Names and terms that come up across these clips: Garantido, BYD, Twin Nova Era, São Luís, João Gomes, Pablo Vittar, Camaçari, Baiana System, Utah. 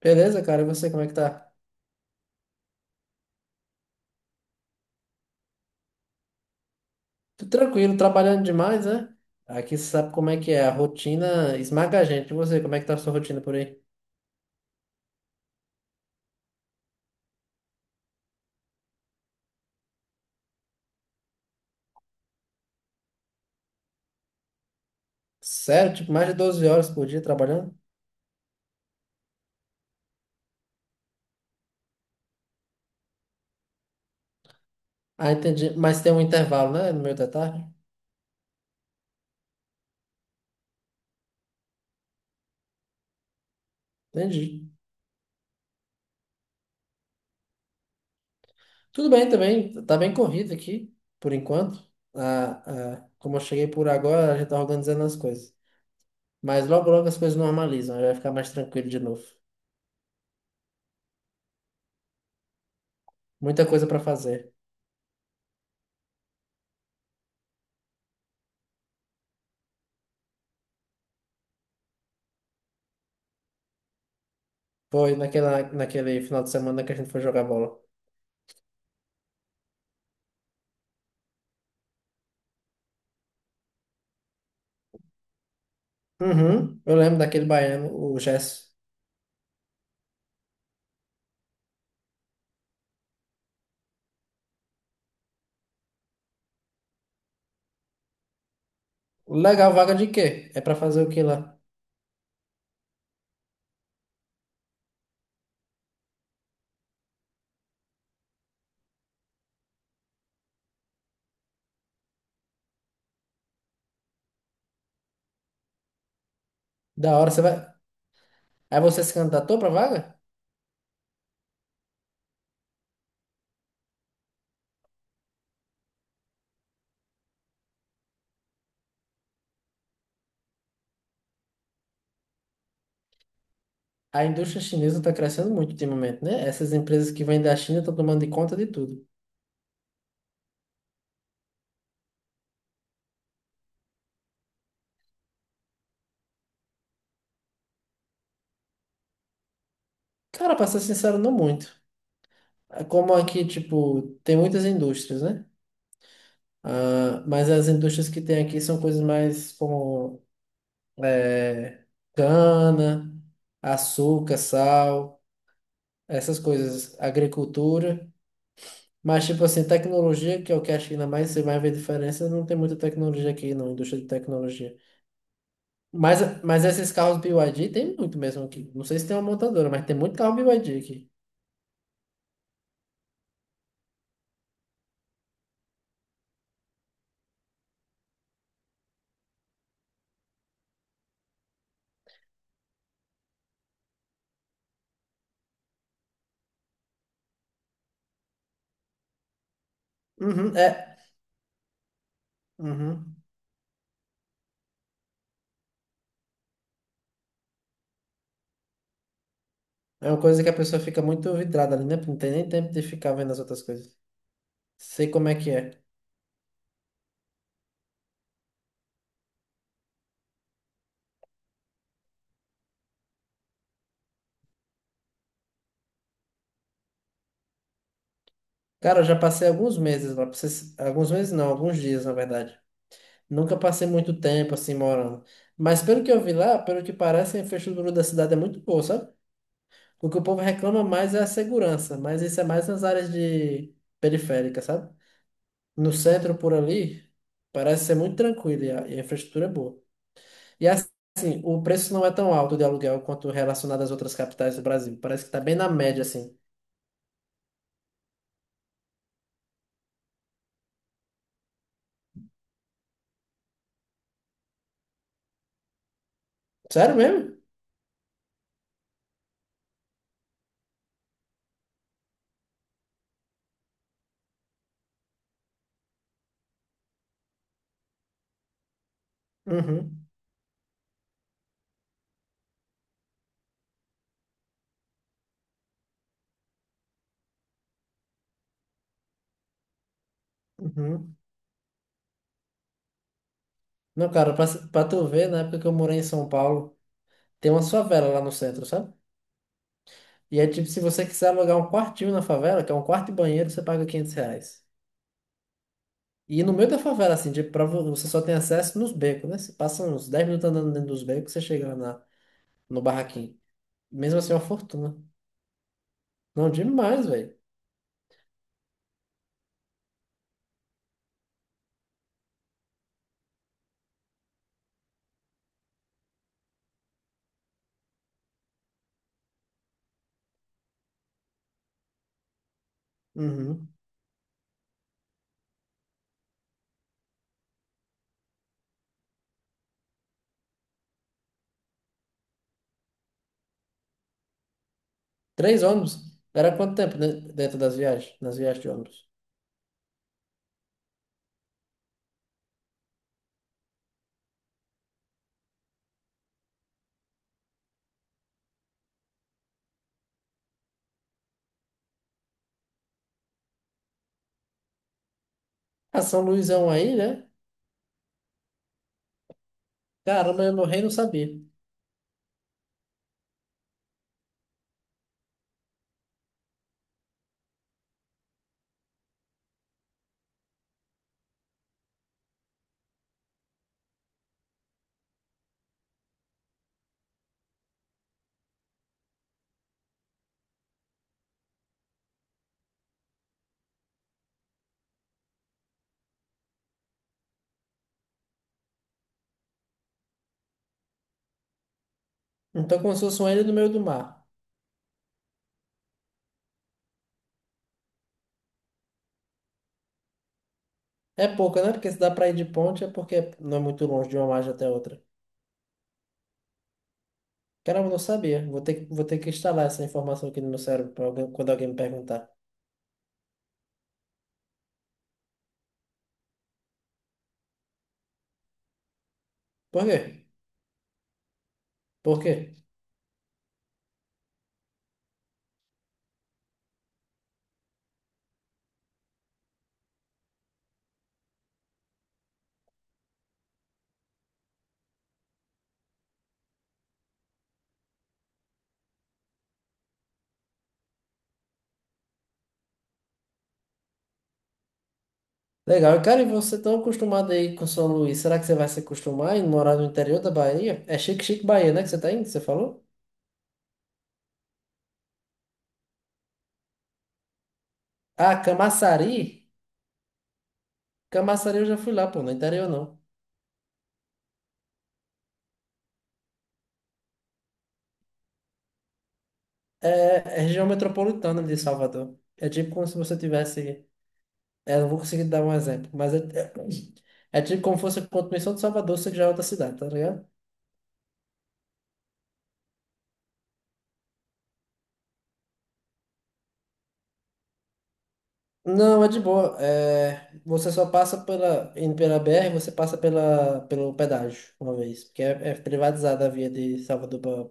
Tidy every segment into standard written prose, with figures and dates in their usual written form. Beleza, cara? E você, como é que tá? Tudo tranquilo, trabalhando demais, né? Aqui você sabe como é que é, a rotina esmaga a gente. E você, como é que tá a sua rotina por aí? Sério? Tipo, mais de 12 horas por dia trabalhando? Ah, entendi. Mas tem um intervalo, né? No meio da tarde? Entendi. Tudo bem também, tá bem corrido aqui, por enquanto. Ah, ah, como eu cheguei por agora, a gente tá organizando as coisas. Mas logo, logo as coisas normalizam, aí vai ficar mais tranquilo de novo. Muita coisa pra fazer. Naquele final de semana que a gente foi jogar bola. Uhum, eu lembro daquele baiano, o Gesso. Legal, vaga de quê? É pra fazer o quê lá? Da hora, você vai. Aí você se candidatou pra vaga? A indústria chinesa tá crescendo muito ultimamente, né? Essas empresas que vêm da China estão tomando de conta de tudo. Cara, pra ser sincero, não muito. É como aqui, tipo, tem muitas indústrias, né? Ah, mas as indústrias que tem aqui são coisas mais como é, cana, açúcar, sal, essas coisas, agricultura. Mas, tipo assim, tecnologia, que é o que a China mais, você vai ver diferença, não tem muita tecnologia aqui, não, indústria de tecnologia. Mas esses carros BYD tem muito mesmo aqui. Não sei se tem uma montadora, mas tem muito carro BYD aqui. Uhum, é. Uhum. É uma coisa que a pessoa fica muito vidrada ali, né? Não tem nem tempo de ficar vendo as outras coisas. Sei como é que é. Cara, eu já passei alguns meses lá. Alguns meses não, alguns dias, na verdade. Nunca passei muito tempo assim morando. Mas pelo que eu vi lá, pelo que parece, a infraestrutura da cidade é muito boa, sabe? O que o povo reclama mais é a segurança, mas isso é mais nas áreas de periféricas, sabe? No centro por ali, parece ser muito tranquilo e a infraestrutura é boa. E assim, o preço não é tão alto de aluguel quanto relacionado às outras capitais do Brasil. Parece que tá bem na média, assim. Sério mesmo? Uhum, uhum. Não, cara, pra tu ver, na época que eu morei em São Paulo, tem uma favela lá no centro, sabe? E é tipo, se você quiser alugar um quartinho na favela, que é um quarto e banheiro, você paga R$ 500. E no meio da favela, assim, de prova, você só tem acesso nos becos, né? Você passa uns 10 minutos andando dentro dos becos, você chega lá na, no barraquinho. Mesmo assim, é uma fortuna. Não, demais, velho. Uhum. 3 ônibus. Era quanto tempo de- Dentro das viagens? Nas viagens de ônibus? Ah, São Luizão aí, né? Caramba, eu no rei não sabia. Então, como se fosse uma ilha no meio do mar. É pouca, né? Porque se dá pra ir de ponte, é porque não é muito longe de uma margem até outra. Caramba, eu não sabia. Vou ter que instalar essa informação aqui no meu cérebro quando alguém me perguntar. Por quê? Por quê? Legal. Cara, e você tão acostumado aí com São Luís, será que você vai se acostumar em morar no interior da Bahia? É Chique Chique Bahia, né, que você tá indo, você falou? Ah, Camaçari? Camaçari eu já fui lá, pô, no interior não. É, é região metropolitana de Salvador. É tipo como se você tivesse... É, não vou conseguir dar um exemplo, mas é tipo como se fosse a continuação de Salvador, só que já é outra cidade, tá ligado? Não, é de boa. É, você só passa pela, indo pela BR, você passa pela, pelo pedágio uma vez, porque é, é privatizada a via de Salvador para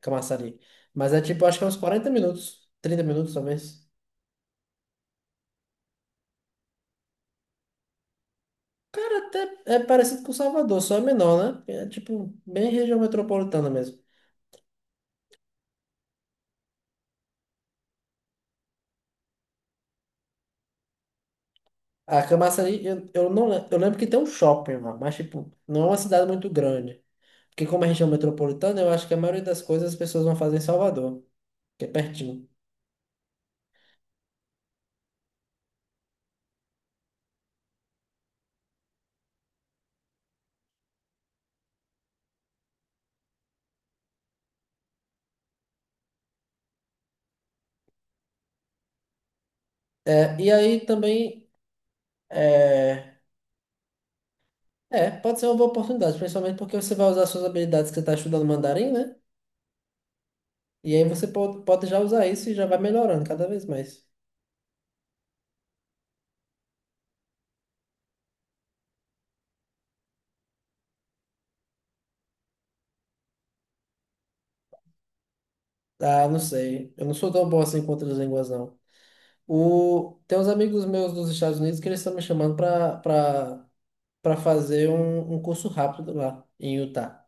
Camaçari. Mas é tipo, acho que é uns 40 minutos, 30 minutos talvez. Cara, até é parecido com Salvador, só é menor, né? É tipo, bem região metropolitana mesmo. A Camaçari, eu não lembro, eu lembro que tem um shopping lá, mas tipo, não é uma cidade muito grande. Porque como é região metropolitana, eu acho que a maioria das coisas as pessoas vão fazer em Salvador, que é pertinho. É, e aí também é, pode ser uma boa oportunidade, principalmente porque você vai usar suas habilidades que você está estudando mandarim, né? E aí você pode, pode já usar isso e já vai melhorando cada vez mais. Ah, não sei. Eu não sou tão bom assim com outras línguas, não. O, tem uns amigos meus dos Estados Unidos que eles estão me chamando para fazer um, um curso rápido lá em Utah.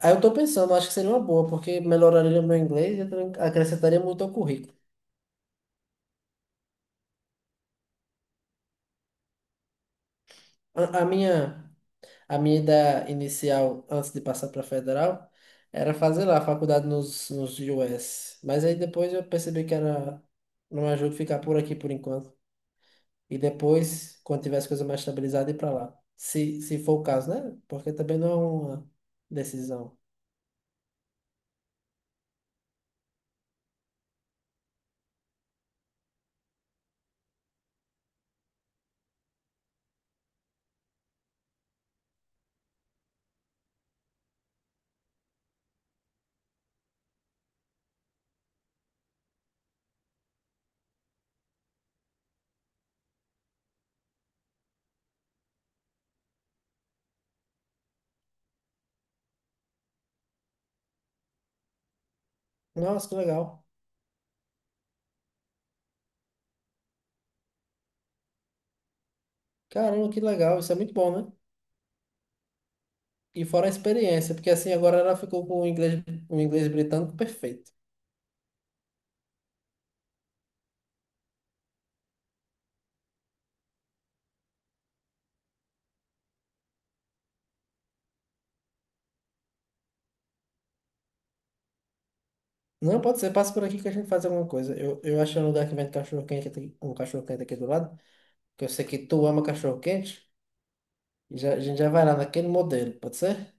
Aí eu tô pensando, acho que seria uma boa, porque melhoraria meu inglês e também acrescentaria muito ao currículo. A, a minha A minha ideia inicial, antes de passar para federal, era fazer lá a faculdade nos US. Mas aí depois eu percebi que era não ajuda ficar por aqui por enquanto. E depois, quando tiver as coisas mais estabilizadas, ir para lá. Se for o caso, né? Porque também não é uma decisão. Nossa, que legal. Caramba, que legal. Isso é muito bom, né? E fora a experiência, porque assim agora ela ficou com o inglês britânico perfeito. Não, pode ser. Passa por aqui que a gente faz alguma coisa. Eu achei um lugar que vende cachorro quente, um cachorro quente aqui do lado. Que eu sei que tu ama cachorro quente. E já, a gente já vai lá naquele modelo, pode ser?